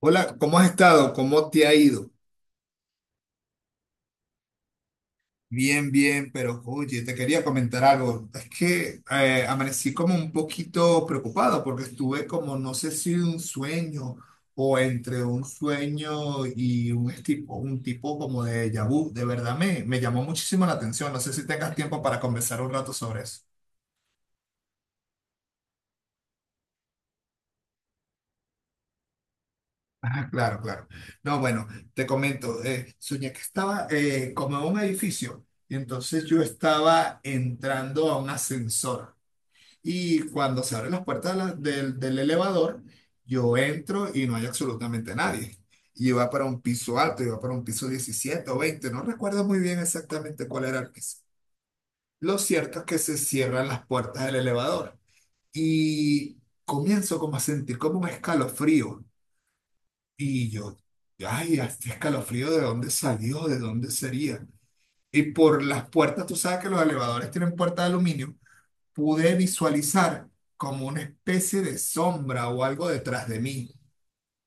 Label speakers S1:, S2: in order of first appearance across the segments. S1: Hola, ¿cómo has estado? ¿Cómo te ha ido? Bien, bien, pero oye, te quería comentar algo. Es que amanecí como un poquito preocupado porque estuve como, no sé si un sueño o entre un sueño y un tipo como de déjà vu. De verdad me llamó muchísimo la atención. No sé si tengas tiempo para conversar un rato sobre eso. Ah, claro, claro. No, bueno, te comento. Soñé que estaba como en un edificio y entonces yo estaba entrando a un ascensor. Y cuando se abren las puertas de del elevador, yo entro y no hay absolutamente nadie. Y iba para un piso alto, iba para un piso 17 o 20, no recuerdo muy bien exactamente cuál era el piso. Lo cierto es que se cierran las puertas del elevador y comienzo como a sentir como un escalofrío. Y yo, ay, este escalofrío, ¿de dónde salió? ¿De dónde sería? Y por las puertas, tú sabes que los elevadores tienen puertas de aluminio, pude visualizar como una especie de sombra o algo detrás de mí.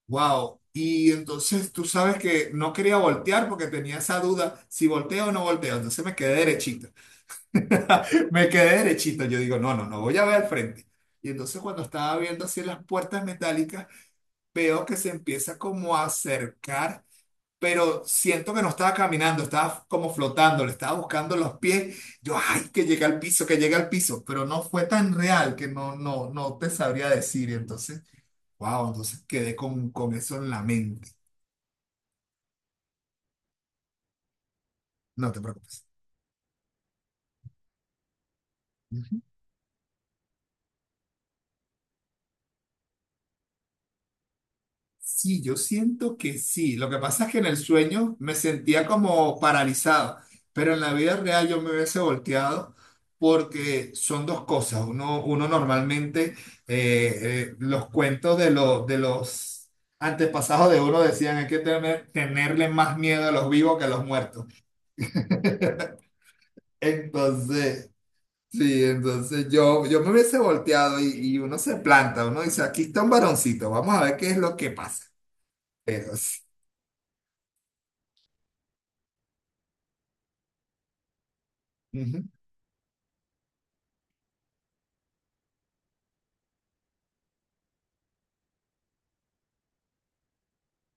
S1: Wow. Y entonces tú sabes que no quería voltear porque tenía esa duda si volteo o no volteo. Entonces me quedé derechito. Me quedé derechito. Yo digo, no, no, no voy a ver al frente. Y entonces cuando estaba viendo así las puertas metálicas, veo que se empieza como a acercar, pero siento que no estaba caminando, estaba como flotando, le estaba buscando los pies. Yo, ay, que llega al piso, que llega al piso, pero no fue tan real que no, no, no te sabría decir. Entonces, wow, entonces quedé con eso en la mente. No te preocupes. Sí, yo siento que sí. Lo que pasa es que en el sueño me sentía como paralizado, pero en la vida real yo me hubiese volteado porque son dos cosas. Uno, uno normalmente, eh, los cuentos de los antepasados de uno decían hay que tener, tenerle más miedo a los vivos que a los muertos. Entonces, sí, entonces yo me hubiese volteado y uno se planta, uno dice, aquí está un varoncito, vamos a ver qué es lo que pasa. Pero sí.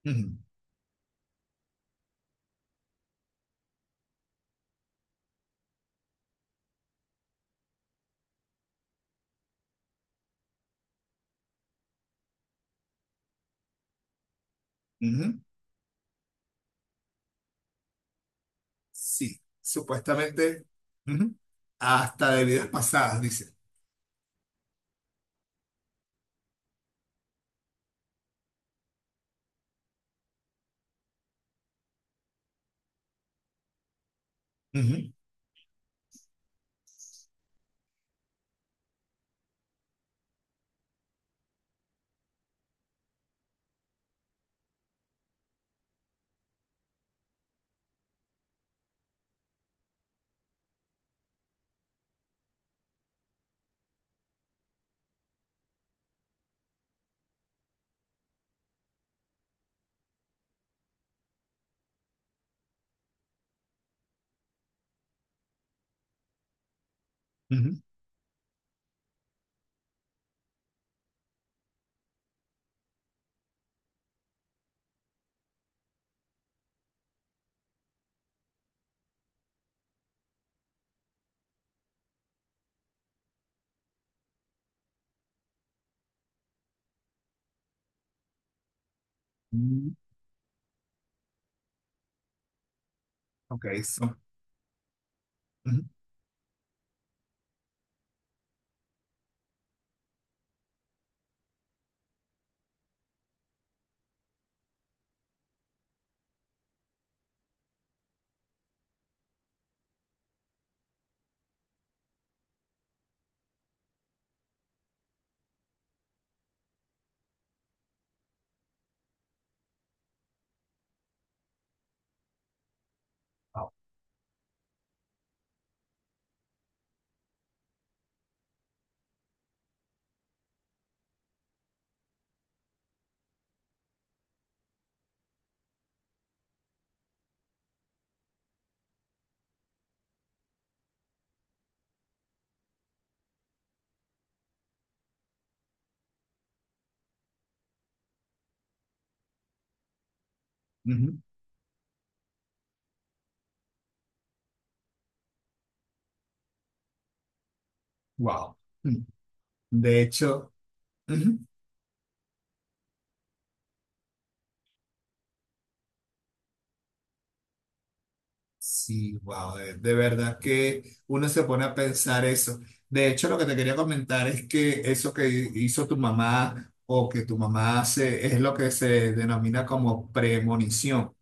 S1: Ujú, ujú, sí, supuestamente, ujú, hasta de vidas pasadas, dice. Ujú, ujú, mm, ok, son. Wow. Mm, de hecho, ujú, sí, wow. De verdad que uno se pone a pensar eso. De hecho, lo que te quería comentar es que eso que hizo tu mamá o que tu mamá hace es lo que se denomina como premonición.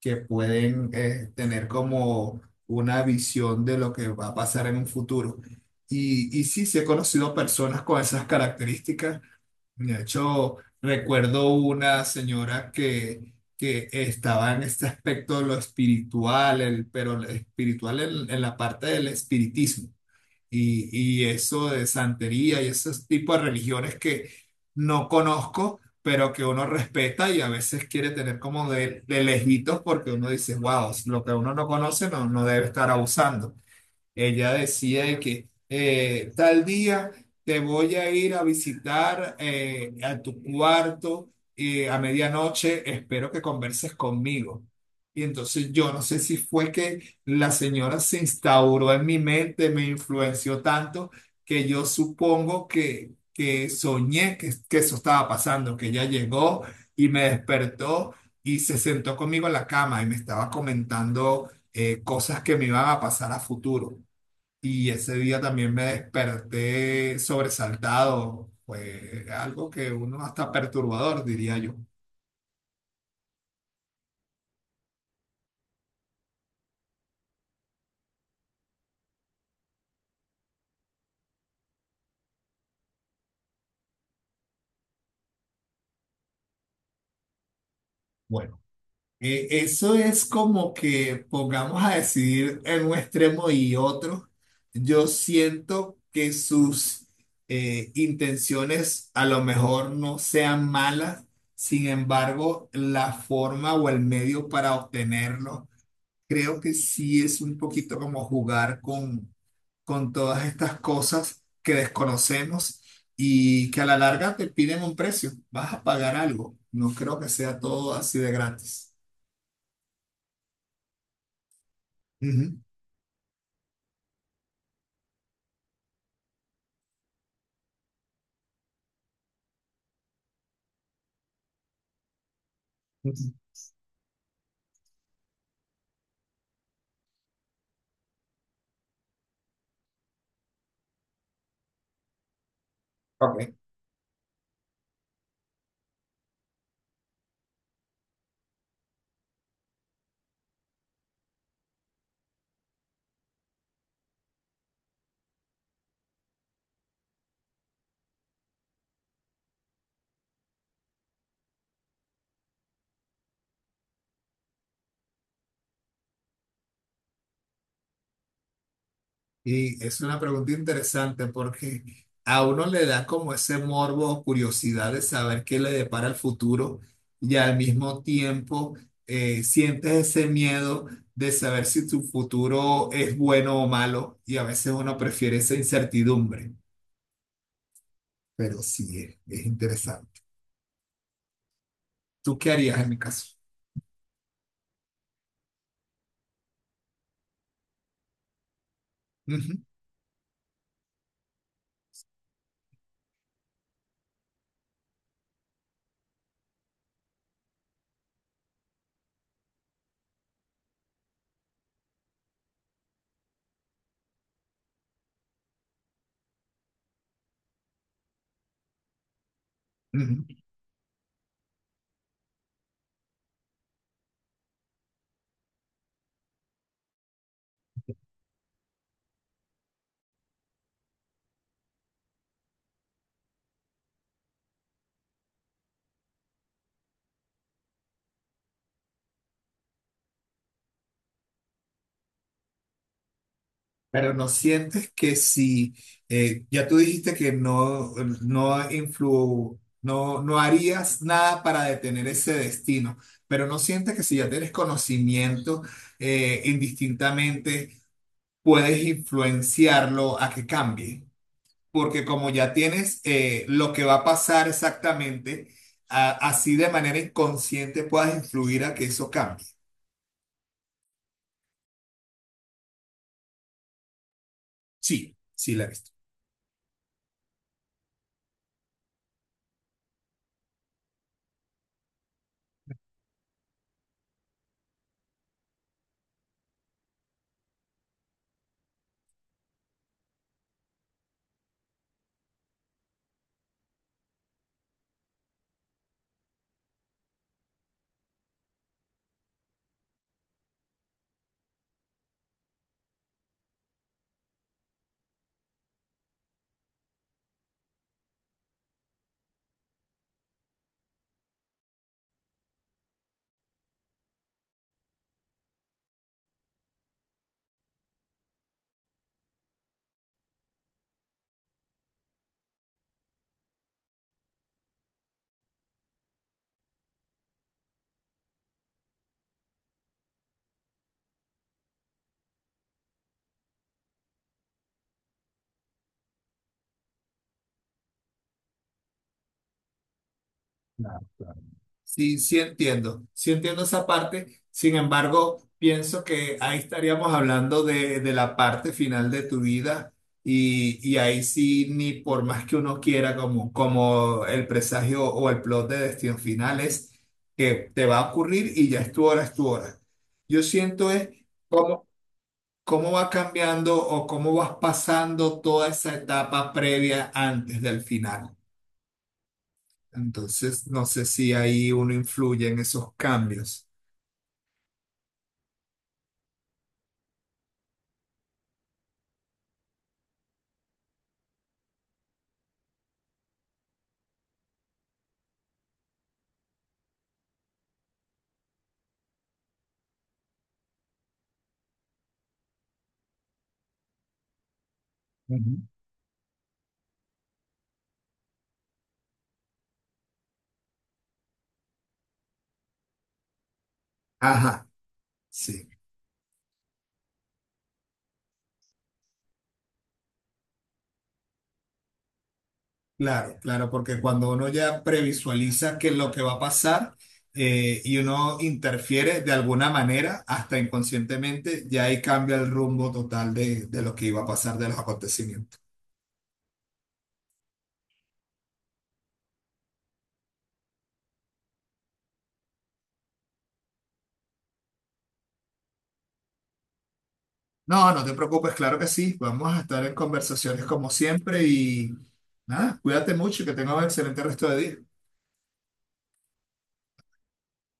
S1: Que pueden tener como una visión de lo que va a pasar en un futuro. Y sí, sí he conocido personas con esas características. De hecho, recuerdo una señora que estaba en este aspecto de lo espiritual, el, pero el espiritual en la parte del espiritismo y, y eso de santería y ese tipo de religiones que no conozco, pero que uno respeta y a veces quiere tener como de lejitos porque uno dice, wow, lo que uno no conoce no, no debe estar abusando. Ella decía de que tal día te voy a ir a visitar a tu cuarto y a medianoche espero que converses conmigo. Y entonces yo no sé si fue que la señora se instauró en mi mente, me influenció tanto que yo supongo que soñé que eso estaba pasando, que ella llegó y me despertó y se sentó conmigo en la cama y me estaba comentando cosas que me iban a pasar a futuro. Y ese día también me desperté sobresaltado. Fue algo que uno hasta perturbador, diría yo. Bueno, eso es como que pongamos a decidir en un extremo y otro. Yo siento que sus intenciones a lo mejor no sean malas. Sin embargo, la forma o el medio para obtenerlo, creo que sí es un poquito como jugar con todas estas cosas que desconocemos y que a la larga te piden un precio. Vas a pagar algo. No creo que sea todo así de gratis. Ujú. Ujú. Ok. Y es una pregunta interesante porque a uno le da como ese morbo o curiosidad de saber qué le depara el futuro y al mismo tiempo sientes ese miedo de saber si tu futuro es bueno o malo y a veces uno prefiere esa incertidumbre. Pero sí es interesante. ¿Tú qué harías en mi caso? Ujú, ujú. Pero no sientes que si, ya tú dijiste que no, no influ, no, no harías nada para detener ese destino, pero no sientes que si ya tienes conocimiento, indistintamente puedes influenciarlo a que cambie, porque como ya tienes lo que va a pasar exactamente, así de manera inconsciente puedas influir a que eso cambie. Sí, sí la he visto. Claro, claro. Sí, sí entiendo esa parte. Sin embargo, pienso que ahí estaríamos hablando de la parte final de tu vida y ahí sí, ni por más que uno quiera, como, como el presagio o el plot de Destino Final es que te va a ocurrir y ya es tu hora, es tu hora. Yo siento es cómo, cómo va cambiando o cómo vas pasando toda esa etapa previa antes del final. Entonces, no sé si ahí uno influye en esos cambios. Ujú. Ajá, sí, claro, claro, porque cuando uno ya previsualiza qué es lo que va a pasar y uno interfiere de alguna manera, hasta inconscientemente, ya ahí cambia el rumbo total de lo que iba a pasar, de los acontecimientos. No, no te preocupes, claro que sí, vamos a estar en conversaciones como siempre y nada, cuídate mucho y que tengas un excelente resto de día.